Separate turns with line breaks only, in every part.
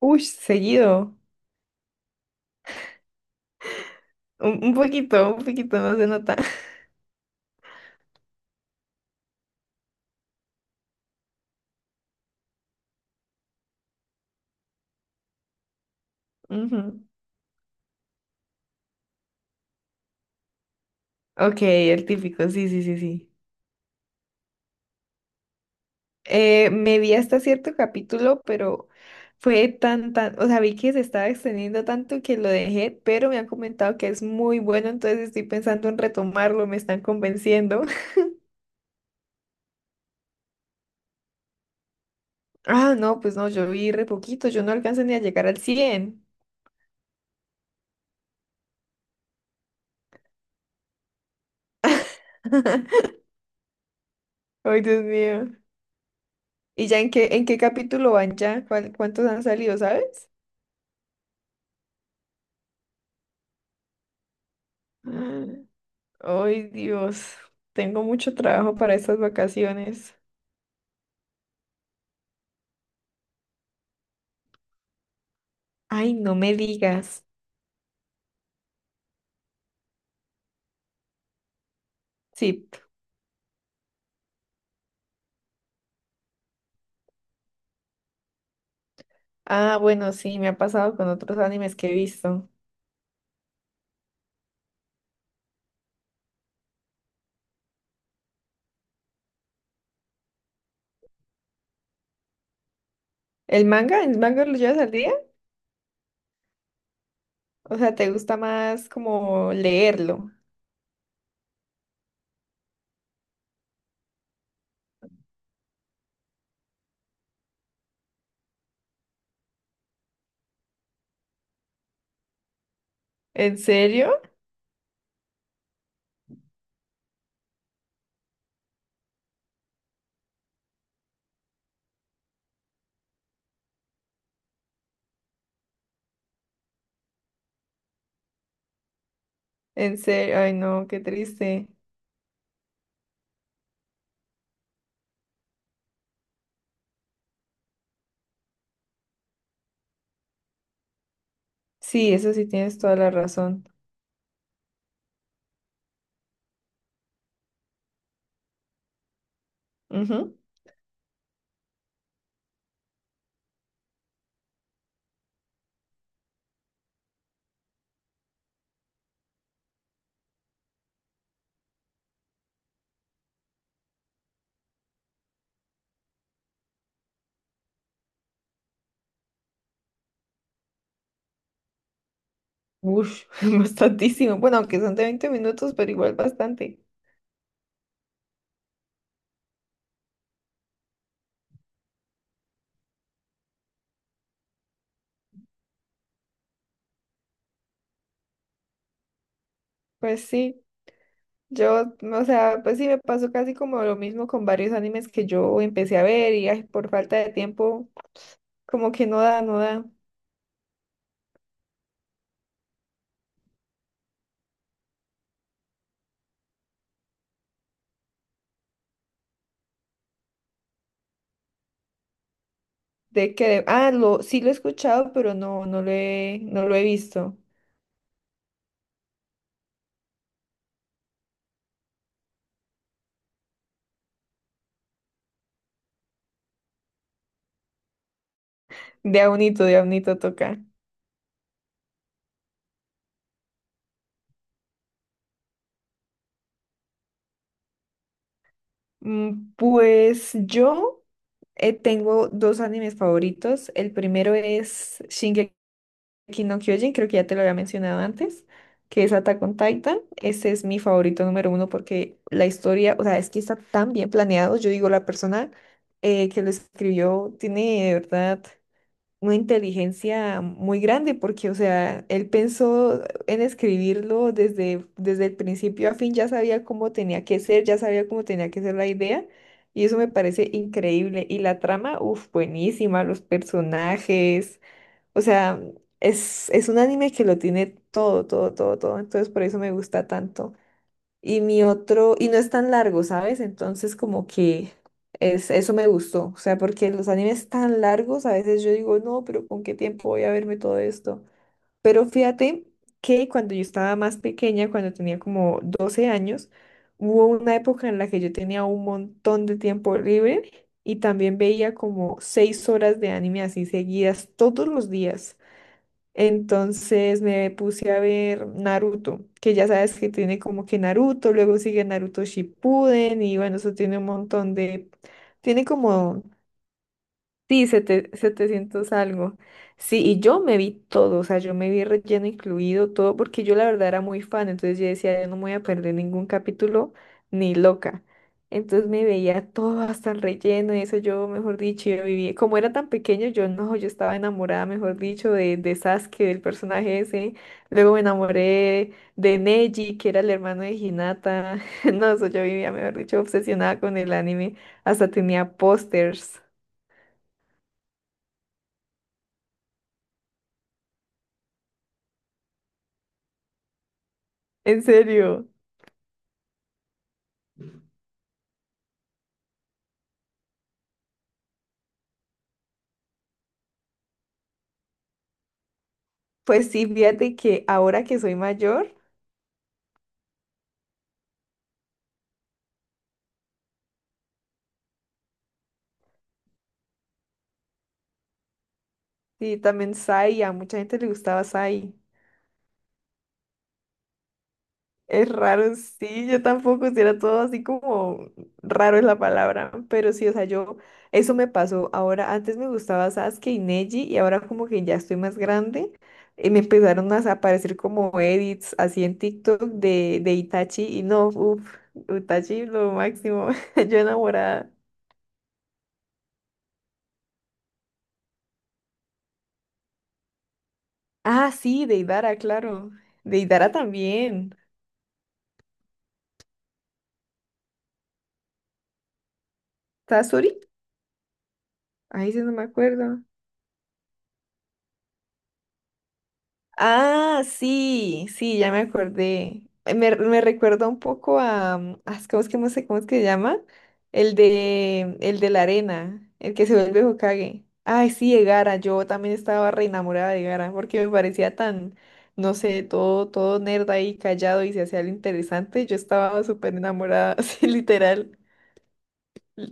Uy, seguido. Un poquito, un poquito, no se nota. Ujú. Ok, el típico, sí, sí, sí, sí. Me vi hasta cierto capítulo, pero fue tan, tan, o sea, vi que se estaba extendiendo tanto que lo dejé, pero me han comentado que es muy bueno, entonces estoy pensando en retomarlo, me están convenciendo. Ah, no, pues no, yo vi re poquito, yo no alcanzo ni a llegar al 100. Ay, Dios mío. ¿Y ya en qué capítulo van ya? ¿ Cuántos han salido, sabes? Ay, Dios, tengo mucho trabajo para estas vacaciones. Ay, no me digas. Sí. Ah, bueno, sí, me ha pasado con otros animes que he visto. ¿El manga? ¿El manga lo llevas al día? O sea, ¿te gusta más como leerlo? ¿En serio? ¿En serio? Ay, no, qué triste. Sí, eso sí tienes toda la razón. Ujú. Ush, bastantísimo. Bueno, aunque son de 20 minutos, pero igual bastante. Pues sí. Yo, o sea, pues sí me pasó casi como lo mismo con varios animes que yo empecé a ver y ay, por falta de tiempo, como que no da, no da. De que, ah, lo, sí lo he escuchado, pero no, no lo he, no lo he visto. De Aunito toca. Mm, pues yo tengo dos animes favoritos. El primero es Shingeki no Kyojin, creo que ya te lo había mencionado antes, que es Attack on Titan. Ese es mi favorito número uno porque la historia, o sea, es que está tan bien planeado. Yo digo, la persona que lo escribió tiene de verdad una inteligencia muy grande porque, o sea, él pensó en escribirlo desde el principio a fin, ya sabía cómo tenía que ser, ya sabía cómo tenía que ser la idea. Y eso me parece increíble. Y la trama, uff, buenísima, los personajes. O sea, es un anime que lo tiene todo, todo, todo, todo. Entonces por eso me gusta tanto. Y mi otro, y no es tan largo, ¿sabes? Entonces como que es, eso me gustó. O sea, porque los animes tan largos, a veces yo digo, no, pero ¿con qué tiempo voy a verme todo esto? Pero fíjate que cuando yo estaba más pequeña, cuando tenía como 12 años, hubo una época en la que yo tenía un montón de tiempo libre y también veía como 6 horas de anime así seguidas todos los días. Entonces me puse a ver Naruto, que ya sabes que tiene como que Naruto, luego sigue Naruto Shippuden y bueno, eso tiene un montón de, tiene como sí, 700 algo. Sí, y yo me vi todo, o sea, yo me vi relleno incluido, todo, porque yo la verdad era muy fan, entonces yo decía, yo no me voy a perder ningún capítulo, ni loca. Entonces me veía todo hasta el relleno, y eso yo, mejor dicho, yo vivía, como era tan pequeño, yo no, yo estaba enamorada, mejor dicho, de Sasuke, del personaje ese. Luego me enamoré de Neji, que era el hermano de Hinata. No, eso yo vivía, mejor dicho, obsesionada con el anime, hasta tenía pósters. En serio. Pues sí, fíjate que ahora que soy mayor, sí, también Sai, a mucha gente le gustaba Sai. Es raro, sí, yo tampoco, si era todo así como raro es la palabra, pero sí, o sea, yo, eso me pasó. Ahora, antes me gustaba Sasuke y Neji, y ahora como que ya estoy más grande, y me empezaron a aparecer como edits así en TikTok de Itachi, y no, uff, Itachi lo máximo, yo enamorada. Ah, sí, de Idara, claro, de Idara también. ¿Tazuri? Ahí sí no me acuerdo. Ah, sí, sí, ya me acordé. Me recuerda un poco a, ¿cómo es que no sé cómo es que se llama? El de la arena, el que se vuelve Hokage. Ay, sí, de Gaara, yo también estaba re enamorada de Gaara porque me parecía tan, no sé, todo, todo nerd ahí callado y se hacía lo interesante. Yo estaba súper enamorada, así literal,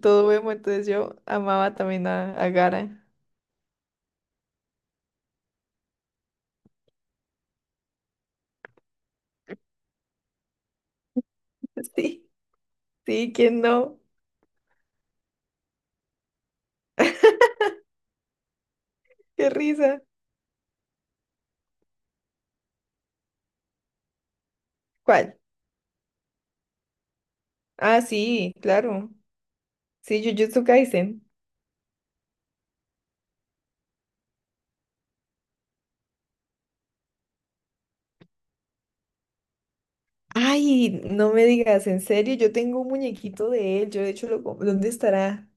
todo vemos, entonces yo amaba también a Gaara. Sí, sí, ¿quién no? Qué risa. ¿Cuál? Ah, sí, claro. Sí, Jujutsu Kaisen. Ay, no me digas, en serio, yo tengo un muñequito de él. Yo de hecho ¿dónde estará?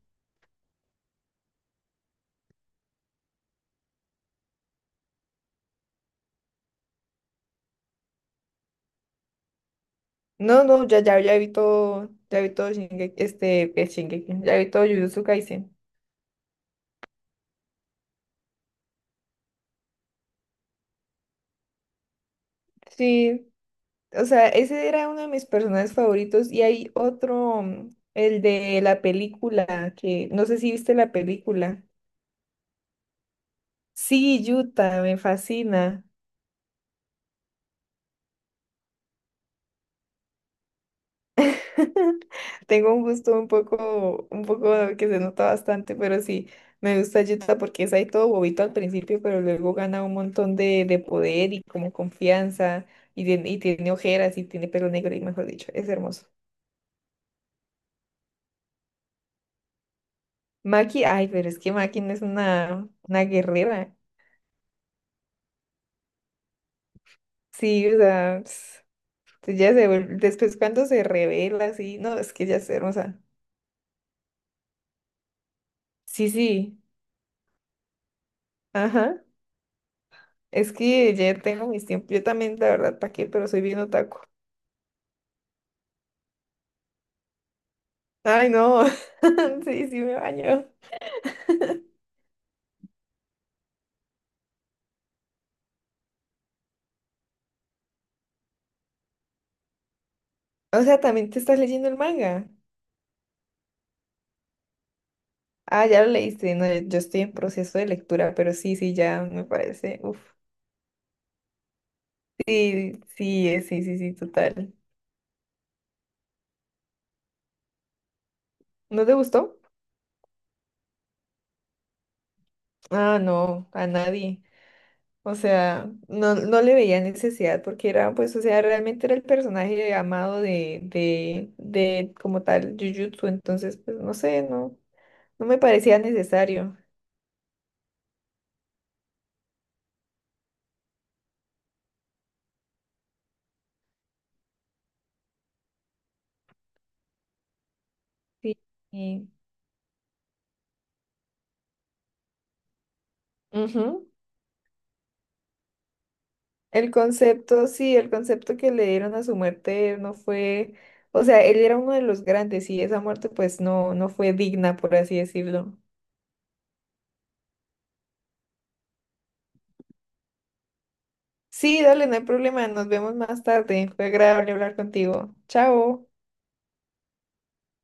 No, no, ya, ya, ya vi todo Shingeki, ya vi todo Jujutsu Kaisen. Sí, o sea, ese era uno de mis personajes favoritos y hay otro, el de la película, que no sé si viste la película. Sí, Yuta, me fascina. Tengo un gusto un poco que se nota bastante, pero sí, me gusta Utah porque es ahí todo bobito al principio, pero luego gana un montón de, poder y como confianza, y tiene ojeras y tiene pelo negro, y mejor dicho, es hermoso. Maki, ay, pero es que Maki no es una guerrera. Sí, o sea, ps, ya se vuelve- después cuando se revela, así, no, es que ya es hermosa. Sí, sí, ajá. Es que ya tengo mis tiempos, yo también, la verdad, ¿para qué? Pero soy bien otaku. Ay, no. Sí, sí me baño. O sea, también te estás leyendo el manga. Ah, ya lo leíste. No, yo estoy en proceso de lectura, pero sí, sí, ya me parece. Uf. Sí, sí, sí, sí, sí, total. ¿No te gustó? Ah, no, a nadie. O sea, no, no le veía necesidad porque era, pues, o sea, realmente era el personaje amado de como tal, Jujutsu. Entonces, pues, no sé, no, no me parecía necesario. Sí. y- Ujú. El concepto, sí, el concepto que le dieron a su muerte no fue, o sea, él era uno de los grandes y esa muerte pues no, no fue digna, por así decirlo. Sí, dale, no hay problema, nos vemos más tarde. Fue agradable hablar contigo. Chao.